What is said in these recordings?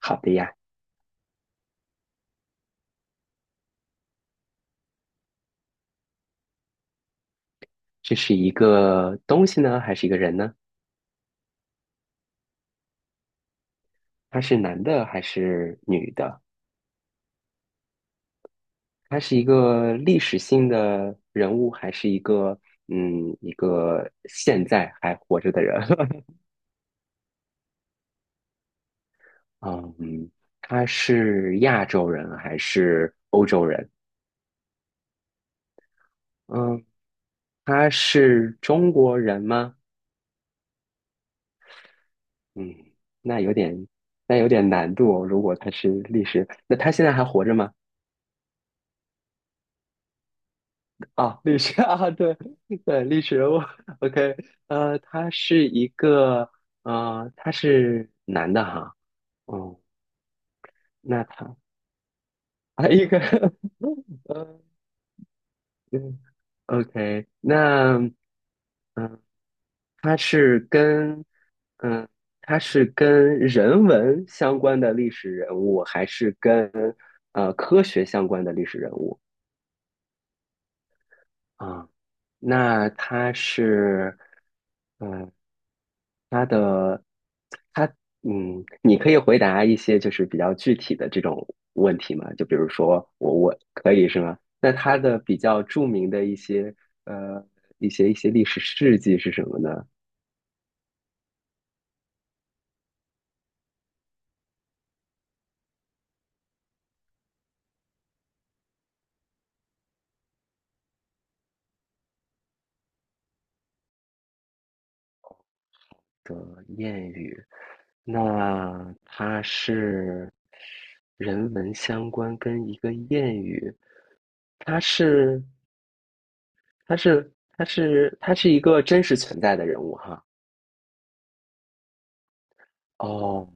好的呀。这是一个东西呢，还是一个人呢？他是男的还是女的？他是一个历史性的人物，还是一个一个现在还活着的人？嗯，他是亚洲人还是欧洲人？嗯，他是中国人吗？嗯，那有点那有点难度哦。如果他是历史，那他现在还活着吗？啊，历史 啊，对对，历史人物，OK，他是一个，他是男的哈。哦，那他啊，一个，呃，嗯，OK，那呃他是跟，嗯、他是跟人文相关的历史人物，还是跟科学相关的历史人物？啊，那它是，嗯，它的，它，嗯，你可以回答一些就是比较具体的这种问题吗？就比如说我可以是吗？那它的比较著名的一些呃一些历史事迹是什么呢？的谚语，那它是人文相关跟一个谚语，它是。他是他是一个真实存在的人物哈。哦，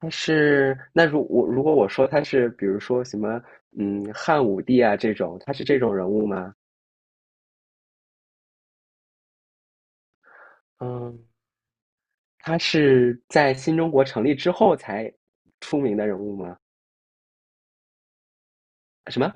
他是那如我如果我说他是，比如说什么汉武帝啊这种，他是这种人物吗？嗯，他是在新中国成立之后才出名的人物吗？什么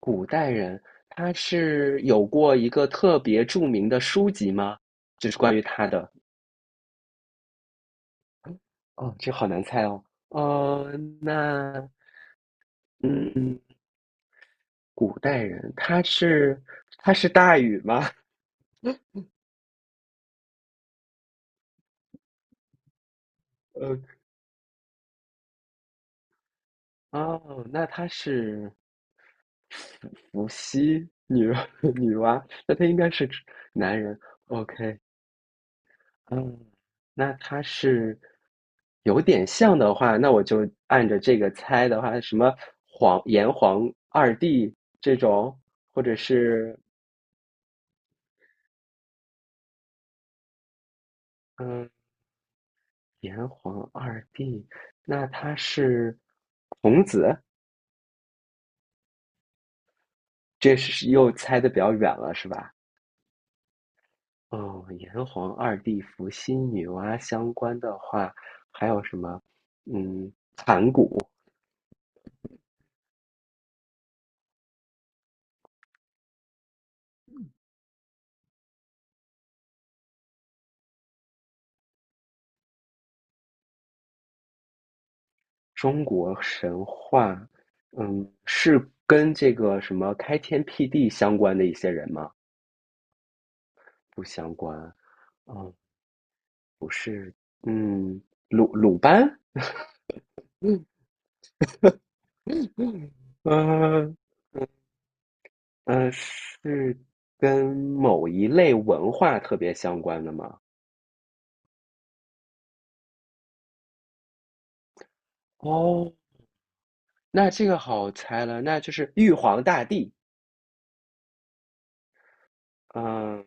古代人？他是有过一个特别著名的书籍吗？就是关于他的。哦，这好难猜哦。哦，那嗯，古代人，他是他是大禹吗？呃，哦，那他是伏羲女 女娲，那他应该是男人。OK，嗯，那他是有点像的话，那我就按着这个猜的话，什么黄炎黄二帝这种，或者是嗯炎黄二帝，那他是孔子，这是又猜的比较远了，是吧？哦，炎黄二帝伏羲、女娲相关的话，还有什么？嗯，中国神话，嗯，是跟这个什么开天辟地相关的一些人吗？不相关。嗯，不是。嗯，鲁班。嗯嗯呃是跟某一类文化特别相关的吗？哦，那这个好猜了，那就是玉皇大帝。嗯，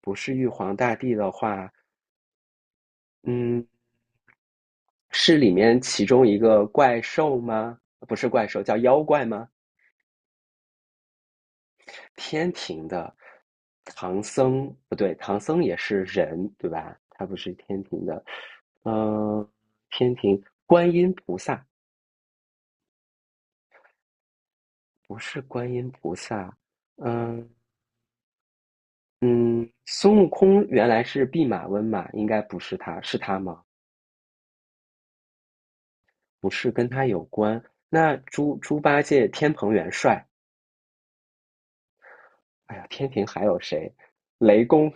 不是玉皇大帝的话，嗯，是里面其中一个怪兽吗？不是怪兽，叫妖怪吗？天庭的唐僧，不对，唐僧也是人，对吧？他不是天庭的。嗯，天庭观音菩萨不是观音菩萨，嗯嗯，孙悟空原来是弼马温嘛，应该不是他，是他吗？不是跟他有关。那猪八戒天蓬元帅。哎呀，天庭还有谁？雷公、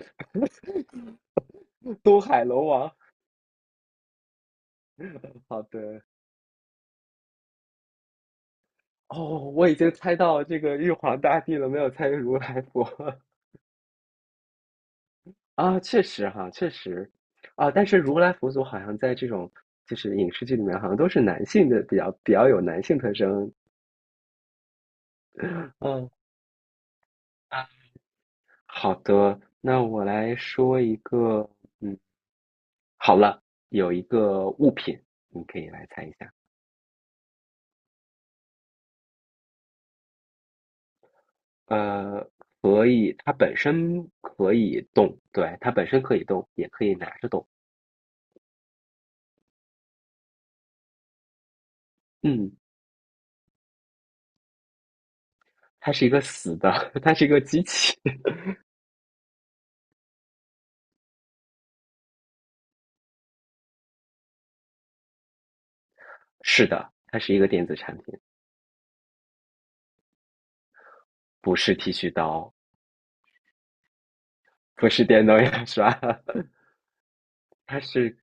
东海龙王。好的，哦，我已经猜到这个玉皇大帝了，没有猜如来佛 啊。确实哈，确实啊，但是如来佛祖好像在这种就是影视剧里面，好像都是男性的，比较有男性特征。嗯，啊，好的，那我来说一个，嗯，好了，有一个物品，你可以来猜一下。呃，可以，它本身可以动，对，它本身可以动，也可以拿着动。嗯，它是一个死的，它是一个机器。是的，它是一个电子产品。不是剃须刀，不是电动牙刷，它是，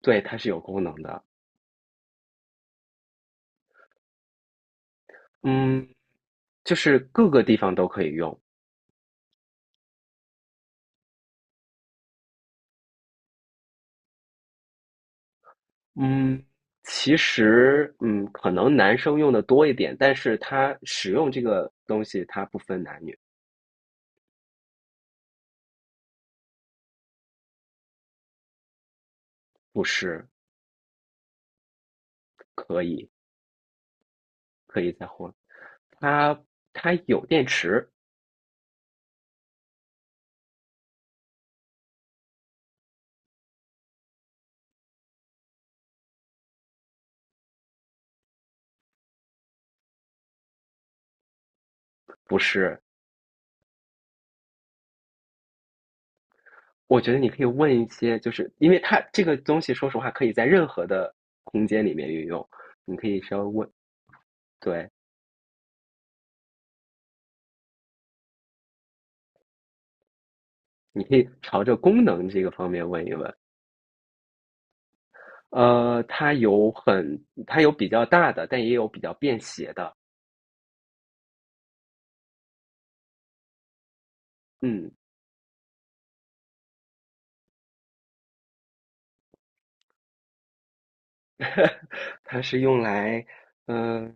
对，它是有功能的。嗯，就是各个地方都可以用。嗯，其实，嗯，可能男生用的多一点，但是它使用这个东西，它不分男女。不是可以可以再换。它它有电池。不是？我觉得你可以问一些，就是因为它这个东西，说实话，可以在任何的空间里面运用。你可以稍微问，对，你可以朝着功能这个方面问一问。呃，它有很，它有比较大的，但也有比较便携的。嗯，它是用来，嗯、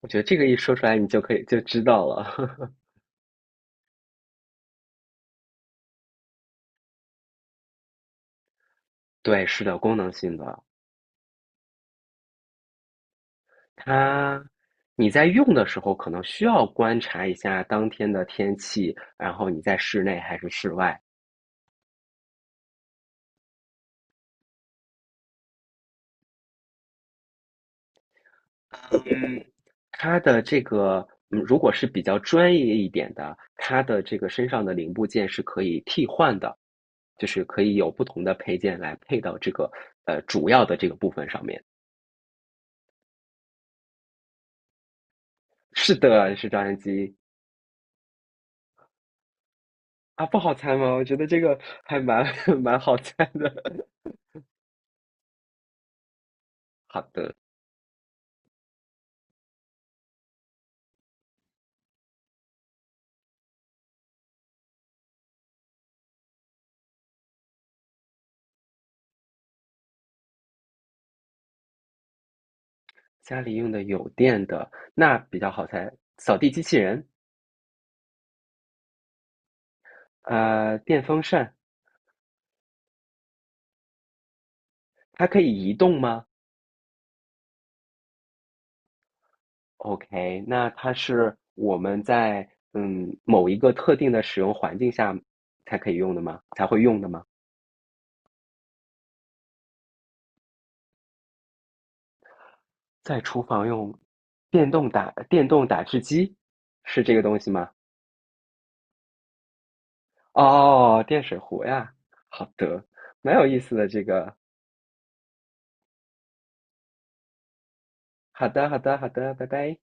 我觉得这个一说出来，你就可以就知道了。对，是的，功能性的。它，你在用的时候可能需要观察一下当天的天气，然后你在室内还是室外。它的这个，嗯，如果是比较专业一点的，它的这个身上的零部件是可以替换的，就是可以有不同的配件来配到这个主要的这个部分上面。是的，是照相机。啊，不好猜吗？我觉得这个还蛮 蛮好猜的。好的，家里用的有电的，那比较好猜，扫地机器人。电风扇它可以移动吗？OK，那它是我们在某一个特定的使用环境下才可以用的吗？才会用的吗？在厨房用电动打汁机是这个东西吗？哦，电水壶呀，好的，蛮有意思的这个。好的，好的，好的，拜拜。